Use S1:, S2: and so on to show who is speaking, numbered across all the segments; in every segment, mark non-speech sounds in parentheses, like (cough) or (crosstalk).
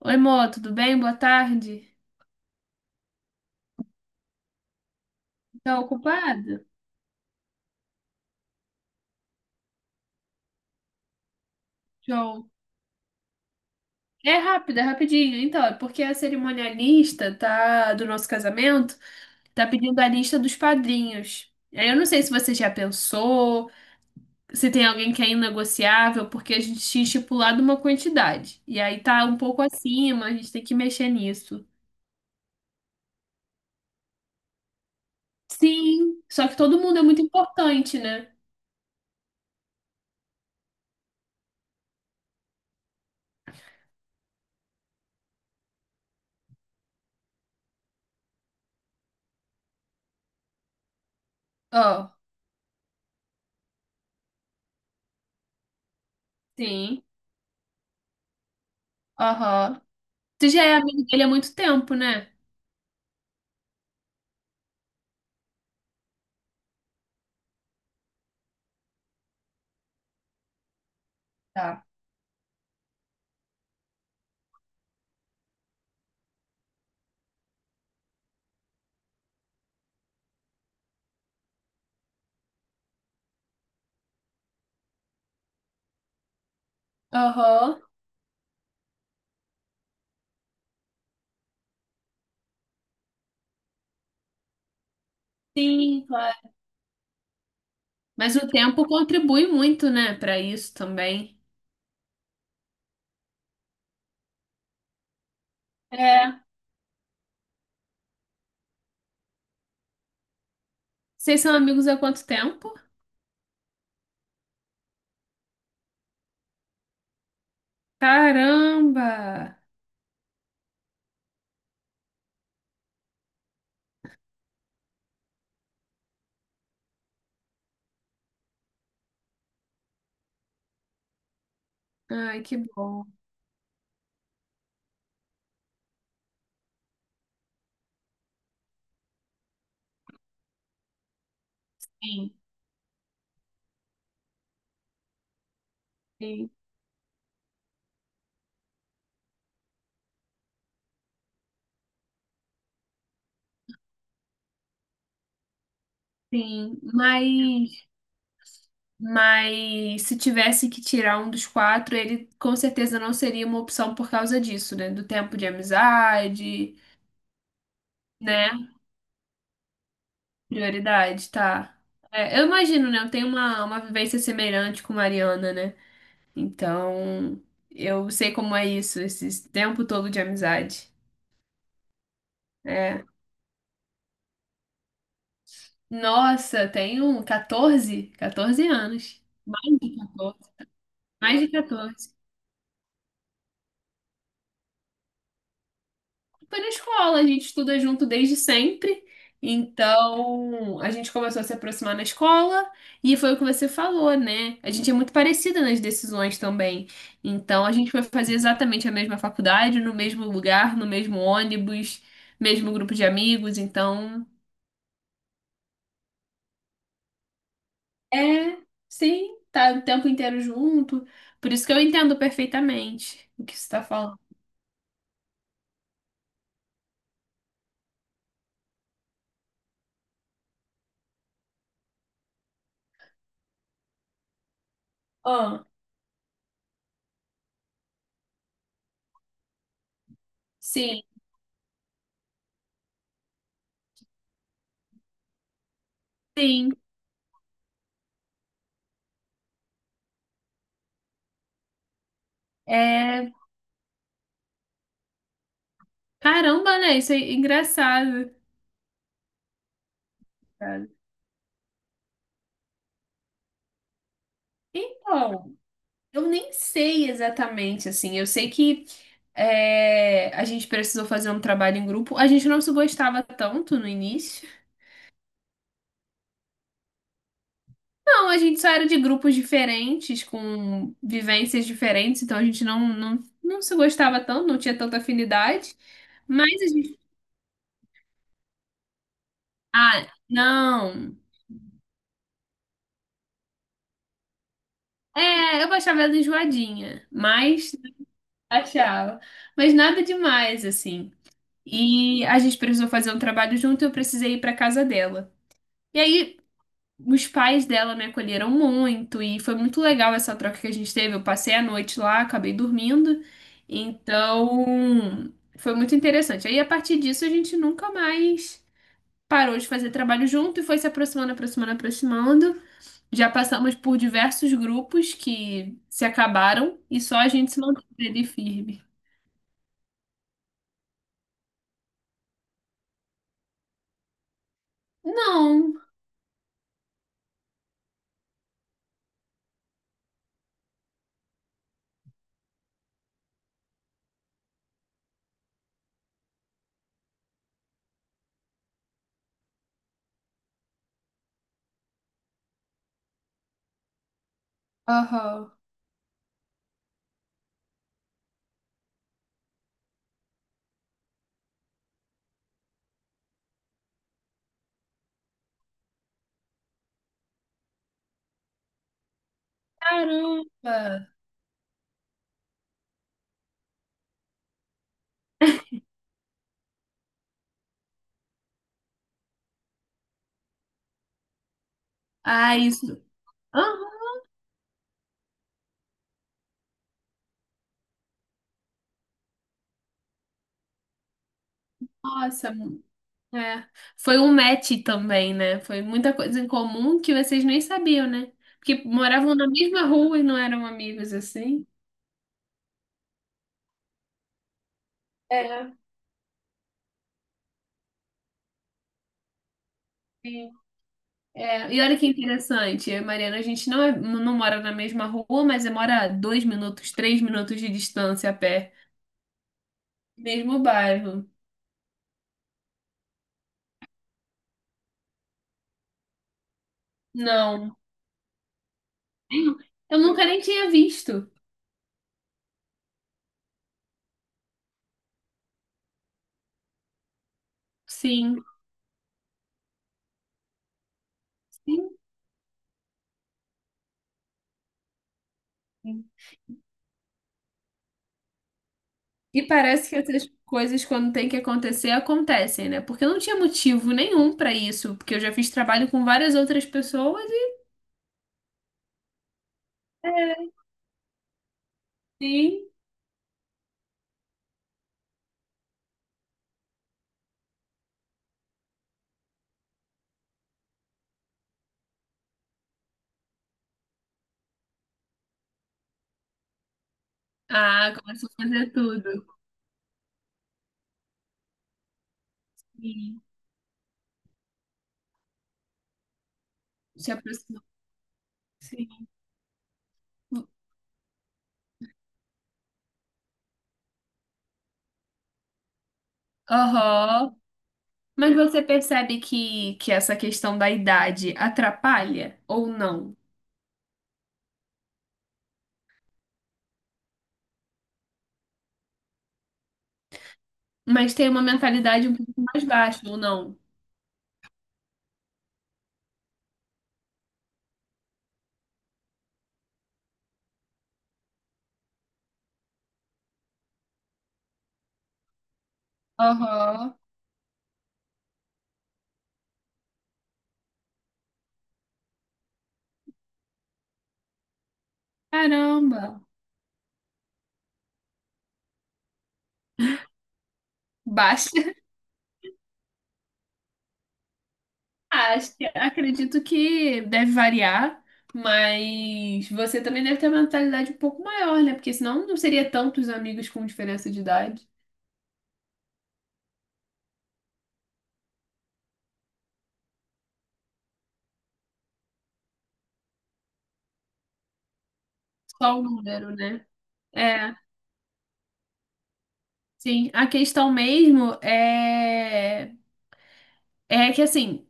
S1: Oi, Mô, tudo bem? Boa tarde. Tá ocupado? Show. É rápido, é rapidinho. Então, é porque a cerimonialista tá, do nosso casamento tá pedindo a lista dos padrinhos. Aí eu não sei se você já pensou, se tem alguém que é inegociável, porque a gente tinha estipulado uma quantidade. E aí tá um pouco acima, a gente tem que mexer nisso. Sim, só que todo mundo é muito importante, né? Ó, sim. Aham. Você já é amigo dele há muito tempo, né? Tá. Aham. Sim, claro. Mas o tempo contribui muito, né, pra isso também. É. Vocês são amigos há quanto tempo? Caramba! Ai, que bom. Sim, sim, sim. Mas se tivesse que tirar um dos quatro, ele com certeza não seria uma opção por causa disso, né? Do tempo de amizade, né? Prioridade, tá. É, eu imagino, né? Eu tenho uma vivência semelhante com Mariana, né? Então, eu sei como é isso, esse tempo todo de amizade. É. Nossa, tenho catorze anos. Mais de catorze. Foi na escola, a gente estuda junto desde sempre. Então, a gente começou a se aproximar na escola e foi o que você falou, né? A gente é muito parecida nas decisões também. Então, a gente foi fazer exatamente a mesma faculdade, no mesmo lugar, no mesmo ônibus, mesmo grupo de amigos. Então, é, sim, tá o tempo inteiro junto. Por isso que eu entendo perfeitamente o que você tá falando. Ah, sim, sim. É, caramba, né? Isso é engraçado. Cara. Então, eu nem sei exatamente, assim. Eu sei que é, a gente precisou fazer um trabalho em grupo. A gente não se gostava tanto no início. Não, a gente só era de grupos diferentes, com vivências diferentes, então a gente não se gostava tanto, não tinha tanta afinidade. Mas a gente. Ah, não. É, eu achava ela enjoadinha, mas achava. Mas nada demais, assim. E a gente precisou fazer um trabalho junto e eu precisei ir pra casa dela. E aí, os pais dela me acolheram muito e foi muito legal essa troca que a gente teve. Eu passei a noite lá, acabei dormindo. Então, foi muito interessante. Aí, a partir disso, a gente nunca mais parou de fazer trabalho junto e foi se aproximando, aproximando, aproximando. Já passamos por diversos grupos que se acabaram e só a gente se manteve ali firme. Não. Aham. Caramba. Ah, isso. Aham. Nossa. É. Foi um match também, né? Foi muita coisa em comum que vocês nem sabiam, né? Porque moravam na mesma rua e não eram amigos assim. É, sim. É, e olha que interessante, eu e Mariana, a gente não, é- não mora na mesma rua, mas mora a 2 minutos, 3 minutos de distância a pé. Mesmo bairro. Não. Eu nunca nem tinha visto. Sim. Sim. Sim. E parece que essas coisas, quando tem que acontecer, acontecem, né? Porque eu não tinha motivo nenhum pra isso. Porque eu já fiz trabalho com várias outras pessoas e. É. Sim. Ah, começou a fazer tudo. Sim. Se aproximou. Sim. Aham. Mas você percebe que essa questão da idade atrapalha ou não? Mas tem uma mentalidade um pouco mais baixa ou não? Aham. Caramba! Basta. (laughs) Acho que- acredito que deve variar, mas você também deve ter uma mentalidade um pouco maior, né? Porque senão não seria tantos amigos com diferença de idade. Só o número, né? É, sim. A questão mesmo é, é que assim.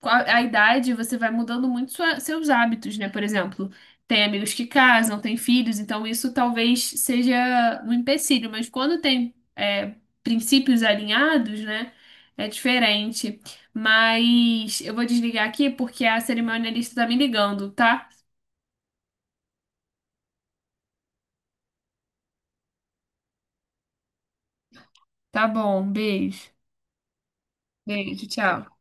S1: Com a idade, você vai mudando muito seus hábitos, né? Por exemplo, tem amigos que casam, tem filhos, então isso talvez seja um empecilho, mas quando tem é, princípios alinhados, né? É diferente. Mas eu vou desligar aqui porque a cerimonialista tá me ligando, tá? Tá bom, beijo. Beijo, tchau.